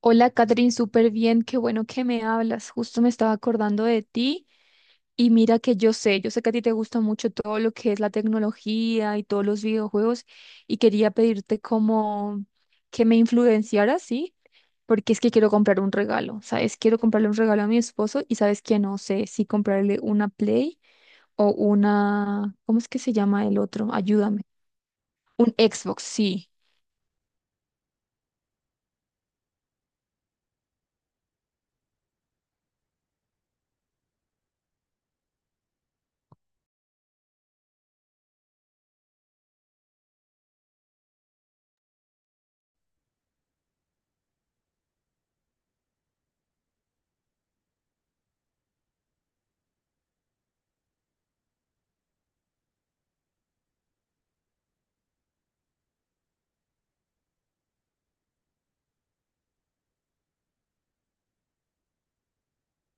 Hola, Catherine, súper bien, qué bueno que me hablas. Justo me estaba acordando de ti y mira que yo sé que a ti te gusta mucho todo lo que es la tecnología y todos los videojuegos y quería pedirte como que me influenciaras, ¿sí? Porque es que quiero comprar un regalo, ¿sabes? Quiero comprarle un regalo a mi esposo y sabes que no sé si comprarle una Play o una, ¿cómo es que se llama el otro? Ayúdame. Un Xbox, sí.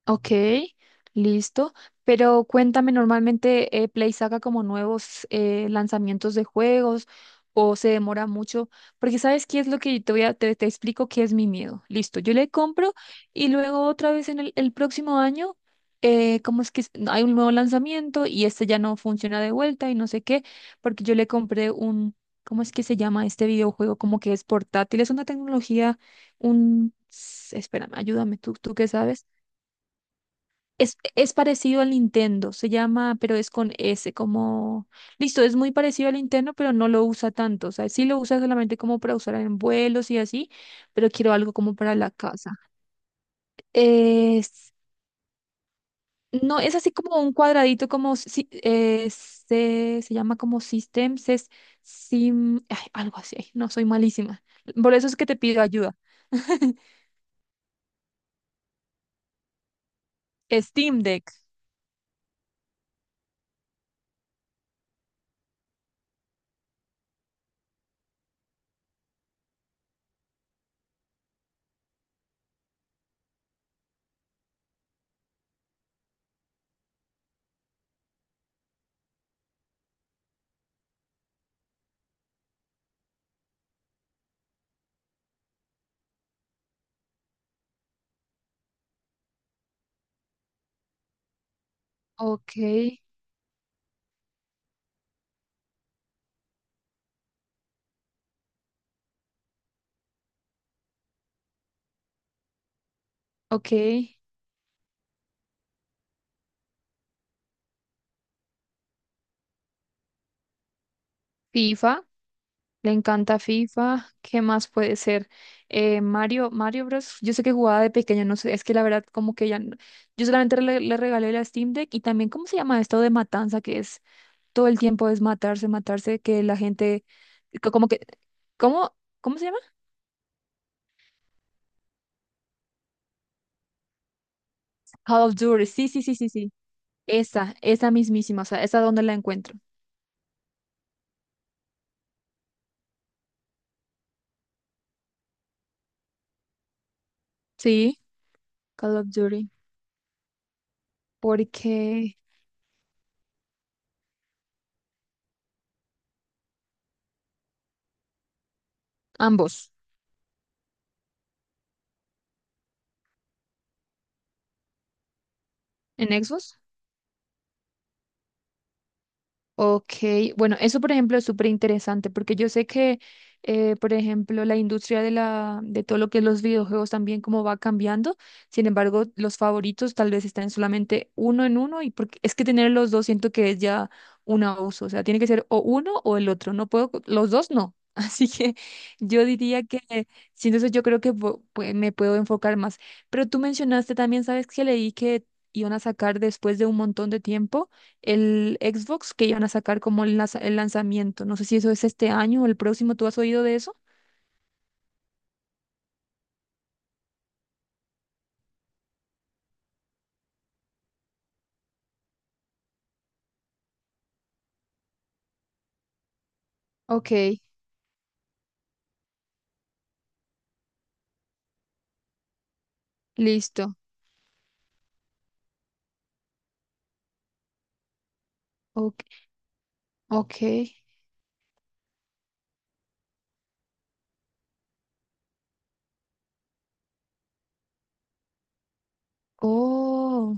Ok, listo. Pero cuéntame, normalmente Play saca como nuevos lanzamientos de juegos o se demora mucho, porque ¿sabes qué es lo que te voy a, te explico qué es mi miedo? Listo, yo le compro y luego otra vez en el próximo año, ¿cómo es que es? Hay un nuevo lanzamiento y este ya no funciona de vuelta y no sé qué, porque yo le compré un, ¿cómo es que se llama este videojuego? Como que es portátil, es una tecnología, espérame, ayúdame, tú qué sabes. Es parecido al Nintendo, se llama, pero es con S, como... Listo, es muy parecido al Nintendo, pero no lo usa tanto. O sea, sí lo usa solamente como para usar en vuelos y así, pero quiero algo como para la casa. Es- no, es así como un cuadradito, como se llama como Systems, es Sim... ay, algo así, ay, no, soy malísima. Por eso es que te pido ayuda. Steam Deck. Ok, ok. FIFA. Le encanta FIFA. ¿Qué más puede ser? Mario, Mario Bros. Yo sé que jugaba de pequeño, no sé, es que la verdad como que ya... Yo solamente le regalé la Steam Deck y también, ¿cómo se llama esto de matanza? Que es todo el tiempo es matarse, matarse, que la gente... Como que... ¿Cómo? ¿Cómo se llama? Call of Duty. Sí, sí, sí, sí, sí. Esa mismísima, o sea, esa donde la encuentro. Sí, Call of Duty. Porque ambos. ¿En Xbox? Ok, bueno, eso por ejemplo es súper interesante porque yo sé que, por ejemplo, la industria de de todo lo que es los videojuegos también como va cambiando. Sin embargo, los favoritos tal vez están solamente uno en uno y porque es que tener los dos siento que es ya un abuso. O sea, tiene que ser o uno o el otro. No puedo, los dos no. Así que yo diría que, sí, entonces yo creo que pues, me puedo enfocar más. Pero tú mencionaste también, ¿sabes que leí que iban a sacar después de un montón de tiempo? El Xbox que iban a sacar como el lanzamiento. No sé si eso es este año o el próximo. ¿Tú has oído de eso? Ok, listo. Ok, ok. Oh,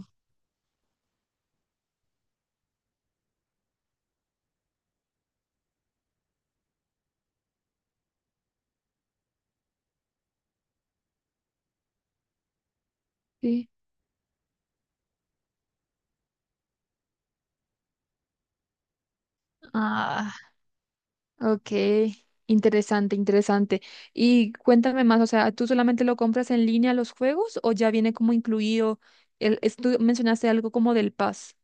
sí. Ah, ok. Interesante, interesante. Y cuéntame más, o sea, ¿tú solamente lo compras en línea los juegos o ya viene como incluido tú mencionaste algo como del Pass?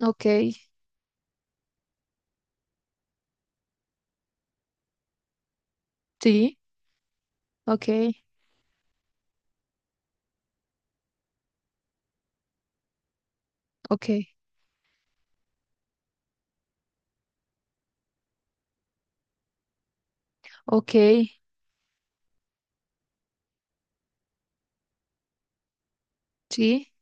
Ok, sí, ok, ok, ok, sí.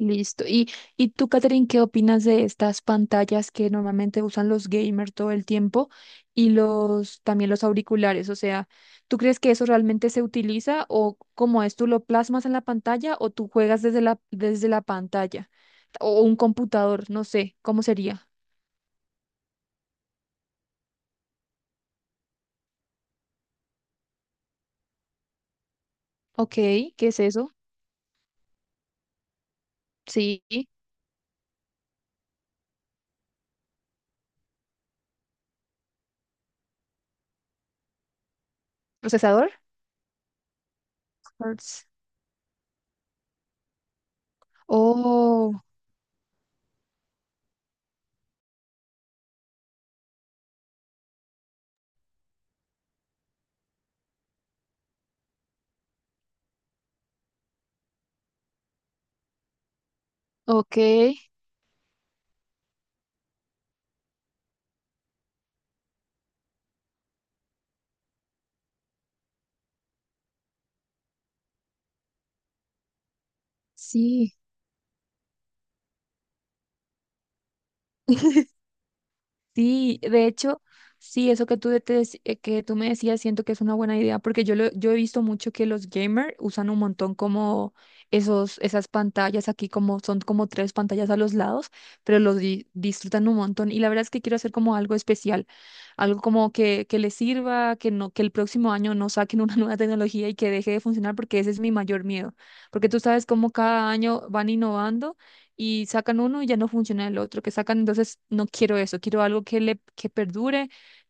Listo. ¿Y tú, Catherine, qué opinas de estas pantallas que normalmente usan los gamers todo el tiempo y los también los auriculares? O sea, ¿tú crees que eso realmente se utiliza o cómo es? ¿Tú lo plasmas en la pantalla o tú juegas desde desde la pantalla? O un computador, no sé, ¿cómo sería? Ok, ¿qué es eso? Sí. ¿Procesador? Hertz. Oh, ok, sí. Sí, de hecho, sí, eso que tú me decías, siento que es una buena idea, porque yo he visto mucho que los gamers usan un montón como esos, esas pantallas aquí, como son como tres pantallas a los lados, pero los disfrutan un montón. Y la verdad es que quiero hacer como algo especial, algo como que les sirva, que no, que el próximo año no saquen una nueva tecnología y que deje de funcionar, porque ese es mi mayor miedo. Porque tú sabes cómo cada año van innovando y sacan uno y ya no funciona el otro que sacan, entonces no quiero eso, quiero algo que perdure,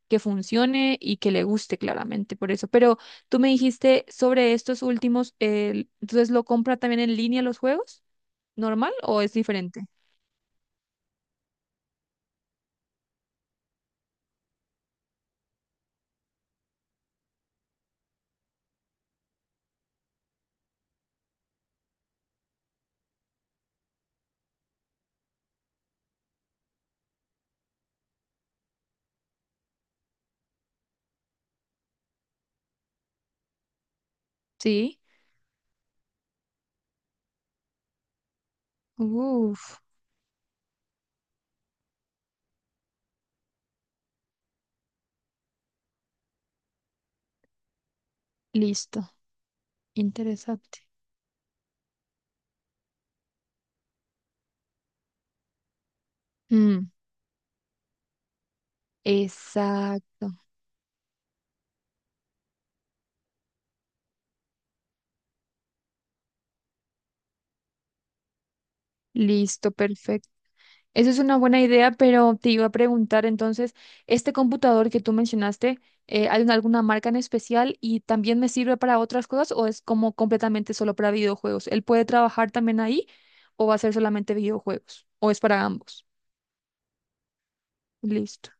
que funcione y que le guste claramente por eso. Pero tú me dijiste sobre estos últimos, entonces lo compra también en línea los juegos, ¿normal o es diferente? Sí. Uf, listo, interesante. Mm, exacto. Listo, perfecto. Eso es una buena idea, pero te iba a preguntar entonces, este computador que tú mencionaste, ¿hay alguna marca en especial y también me sirve para otras cosas o es como completamente solo para videojuegos? ¿Él puede trabajar también ahí o va a ser solamente videojuegos? ¿O es para ambos? Listo.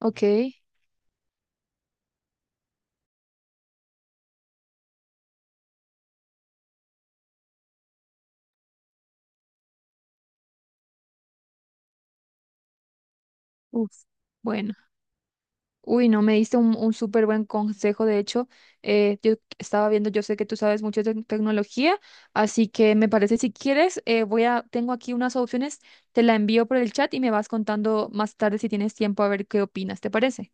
Ok. Uf. Bueno. Uy, no, me diste un súper buen consejo. De hecho, yo estaba viendo, yo sé que tú sabes mucho de tecnología, así que me parece si quieres, tengo aquí unas opciones, te la envío por el chat y me vas contando más tarde si tienes tiempo a ver qué opinas, ¿te parece?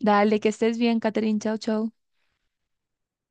Dale, que estés bien, Catherine. Chao, chao.